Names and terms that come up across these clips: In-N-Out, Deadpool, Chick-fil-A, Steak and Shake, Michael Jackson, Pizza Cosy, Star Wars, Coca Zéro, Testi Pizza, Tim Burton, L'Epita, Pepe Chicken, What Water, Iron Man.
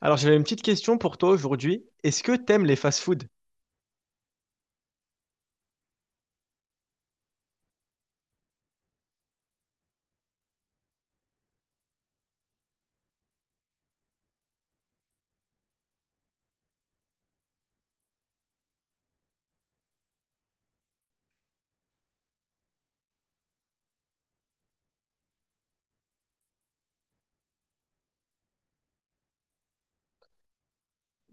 Alors, j'avais une petite question pour toi aujourd'hui. Est-ce que t'aimes les fast-food?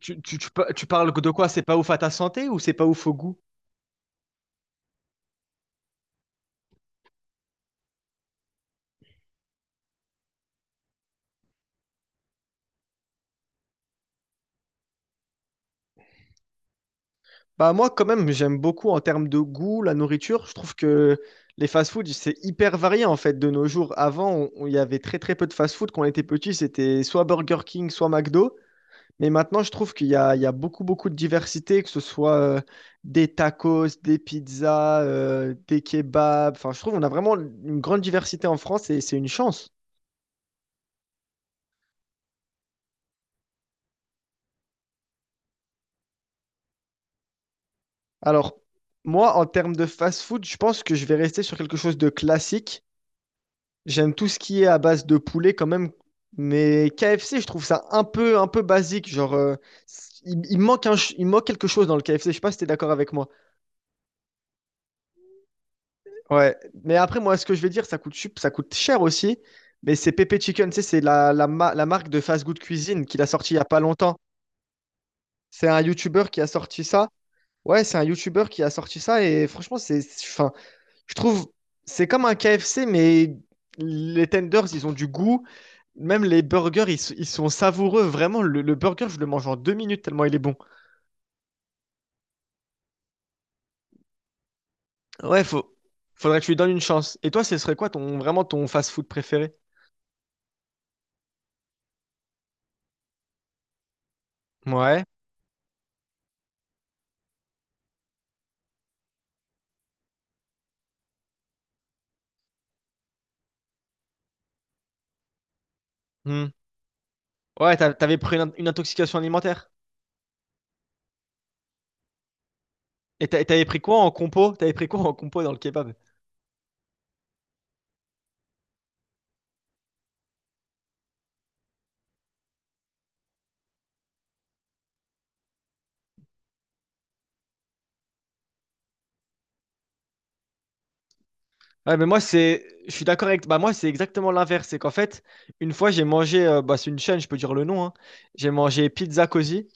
Tu parles de quoi? C'est pas ouf à ta santé ou c'est pas ouf au goût? Bah moi, quand même, j'aime beaucoup en termes de goût, la nourriture. Je trouve que les fast-food, c'est hyper varié en fait de nos jours. Avant, il y avait très très peu de fast-food. Quand on était petit, c'était soit Burger King, soit McDo. Mais maintenant, je trouve qu'il y a beaucoup beaucoup de diversité, que ce soit des tacos, des pizzas, des kebabs. Enfin, je trouve qu'on a vraiment une grande diversité en France et c'est une chance. Alors, moi, en termes de fast-food, je pense que je vais rester sur quelque chose de classique. J'aime tout ce qui est à base de poulet quand même, mais KFC, je trouve ça un peu basique. Genre, il manque un il manque quelque chose dans le KFC. Je sais pas si t'es d'accord avec moi. Ouais. Mais après, moi, ce que je vais dire, ça coûte cher aussi. Mais c'est Pepe Chicken, tu sais, c'est la marque de fast food cuisine qu'il a sorti il y a pas longtemps. C'est un YouTuber qui a sorti ça. Ouais, c'est un YouTuber qui a sorti ça et franchement, c'est, fin. Je trouve, c'est comme un KFC, mais les tenders, ils ont du goût. Même les burgers, ils sont savoureux. Vraiment, le burger, je le mange en 2 minutes tellement il est bon. Ouais, faudrait que tu lui donnes une chance. Et toi, ce serait quoi vraiment ton fast-food préféré? Ouais. Hmm. Ouais, t'avais pris une intoxication alimentaire. Et t'avais pris quoi en compo? T'avais pris quoi en compo dans le kebab? Ouais, mais moi, c'est, je suis d'accord avec, bah, moi, c'est exactement l'inverse. C'est qu'en fait, une fois, j'ai mangé, bah, c'est une chaîne, je peux dire le nom, hein. J'ai mangé Pizza Cosy.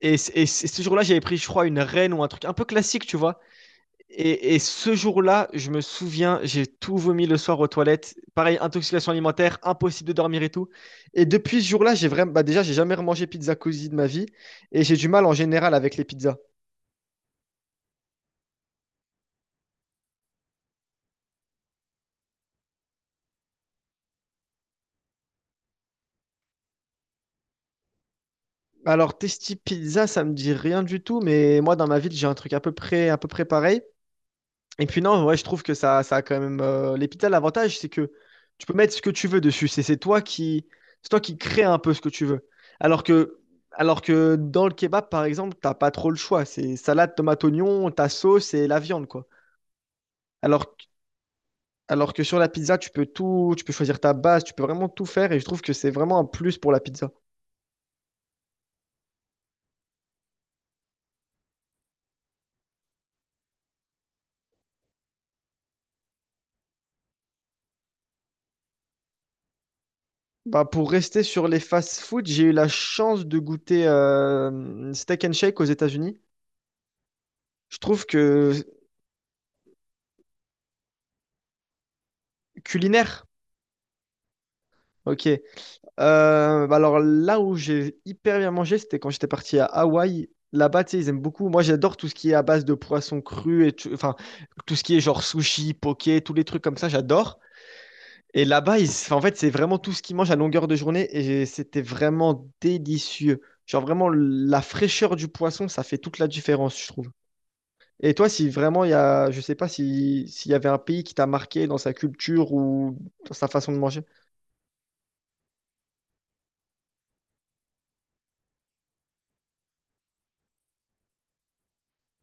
Et, et ce jour-là, j'avais pris, je crois, une reine ou un truc un peu classique, tu vois. Et ce jour-là, je me souviens, j'ai tout vomi le soir aux toilettes. Pareil, intoxication alimentaire, impossible de dormir et tout. Et depuis ce jour-là, j'ai vraiment, bah déjà, j'ai jamais remangé pizza cosy de ma vie. Et j'ai du mal en général avec les pizzas. Alors, Testi Pizza, ça me dit rien du tout, mais moi, dans ma ville, j'ai un truc à peu près pareil. Et puis non, ouais, je trouve que ça a quand même. L'Epita, l'avantage, c'est que tu peux mettre ce que tu veux dessus. C'est toi qui, c'est toi qui crée un peu ce que tu veux. Alors que, alors que dans le kebab, par exemple, t'as pas trop le choix. C'est salade, tomate, oignon, ta sauce et la viande, quoi. Alors, que- alors que sur la pizza, tu peux choisir ta base, tu peux vraiment tout faire. Et je trouve que c'est vraiment un plus pour la pizza. Bah, pour rester sur les fast-food, j'ai eu la chance de goûter steak and shake aux États-Unis. Je trouve que culinaire. Ok. Bah alors là où j'ai hyper bien mangé, c'était quand j'étais parti à Hawaï. Là-bas, tu sais, ils aiment beaucoup. Moi, j'adore tout ce qui est à base de poisson cru et enfin tout ce qui est genre sushi, poké, tous les trucs comme ça, j'adore. Et là-bas, enfin, en fait, c'est vraiment tout ce qu'ils mangent à longueur de journée et c'était vraiment délicieux. Genre vraiment la fraîcheur du poisson, ça fait toute la différence, je trouve. Et toi, si vraiment il y a, je sais pas si s'il y avait un pays qui t'a marqué dans sa culture ou dans sa façon de manger.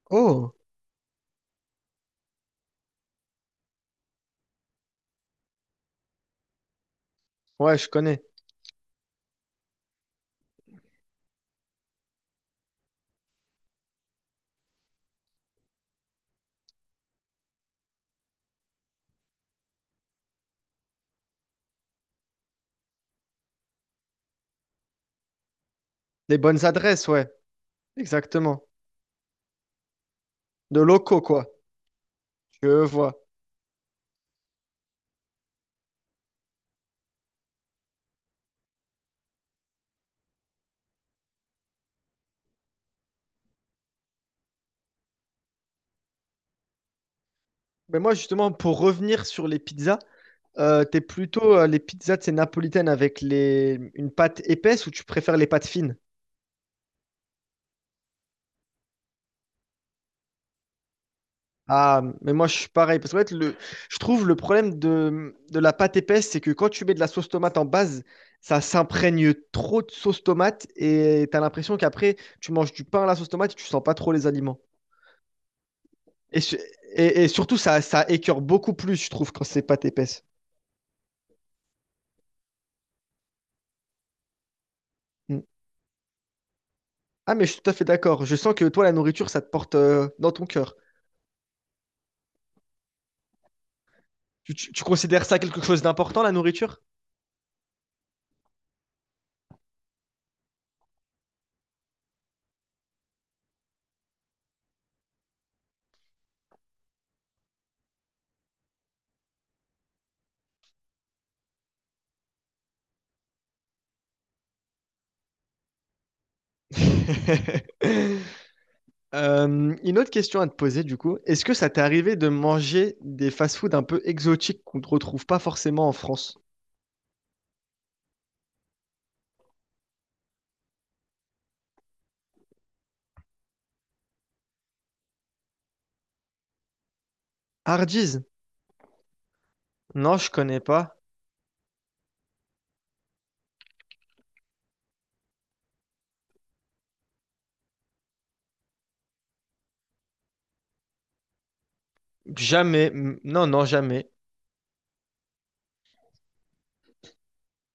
Oh, ouais, je connais. Les bonnes adresses, ouais. Exactement. De locaux, quoi. Je vois. Mais moi, justement, pour revenir sur les pizzas, t'es plutôt les pizzas de ces napolitaines avec les une pâte épaisse ou tu préfères les pâtes fines? Ah, mais moi, je suis pareil. Parce que fait, le je trouve le problème de la pâte épaisse, c'est que quand tu mets de la sauce tomate en base, ça s'imprègne trop de sauce tomate et t'as l'impression qu'après, tu manges du pain à la sauce tomate et tu sens pas trop les aliments. Et, su- et surtout, ça écœure beaucoup plus, je trouve, quand c'est pâte épaisse. Ah, mais je suis tout à fait d'accord. Je sens que toi, la nourriture, ça te porte dans ton cœur. Tu considères ça quelque chose d'important, la nourriture? Une autre question à te poser, du coup. Est-ce que ça t'est arrivé de manger des fast-foods un peu exotiques qu'on ne retrouve pas forcément en France? Hardee's? Non, je connais pas. Jamais. Mm, non, non, jamais.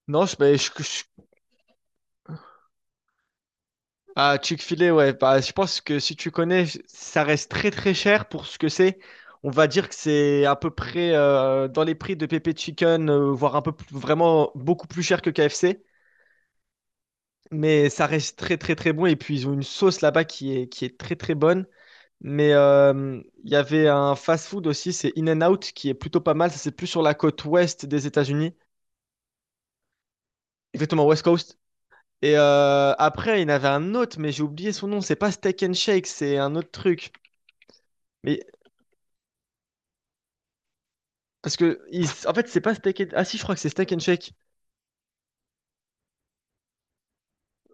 Non, je, ben, je- Ah, Chick-fil-A, ouais. Bah, je pense que si tu connais, ça reste très très cher pour ce que c'est. On va dire que c'est à peu près dans les prix de Pepe Chicken, voire un peu plus- vraiment beaucoup plus cher que KFC. Mais ça reste très très très bon. Et puis ils ont une sauce là-bas qui est très très bonne. Mais il y avait un fast-food aussi, c'est In-N-Out, qui est plutôt pas mal. Ça, c'est plus sur la côte ouest des États-Unis. Exactement, West Coast. Et après, il y en avait un autre, mais j'ai oublié son nom. C'est pas Steak and Shake, c'est un autre truc. Mais parce que, en fait, c'est pas Steak and Ah si, je crois que c'est Steak and Shake.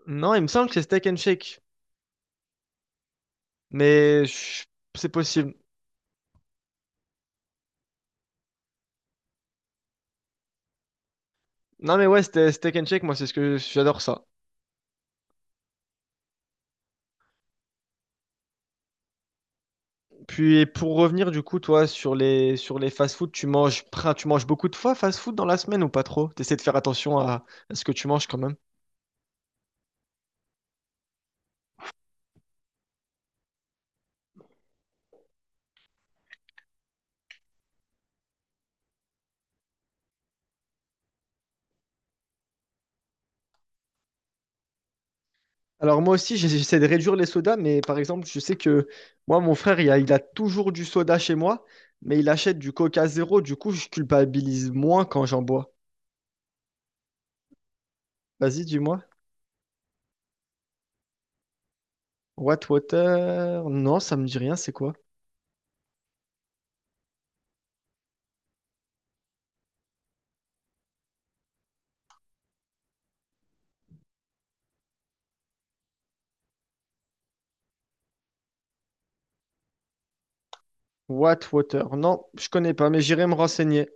Non, il me semble que c'est Steak and Shake. Mais je- c'est possible. Non, mais ouais, c'était Steak and Shake, moi, c'est ce que j'adore ça. Puis pour revenir, du coup, toi, sur sur les fast-food, tu manges tu manges beaucoup de fois fast-food dans la semaine ou pas trop? T'essaies de faire attention à ce que tu manges quand même. Alors moi aussi, j'essaie de réduire les sodas, mais par exemple, je sais que moi, mon frère, il a toujours du soda chez moi, mais il achète du Coca Zéro, du coup, je culpabilise moins quand j'en bois. Vas-y, dis-moi. What Water? Non, ça me dit rien, c'est quoi? What Water? Non, je connais pas, mais j'irai me renseigner.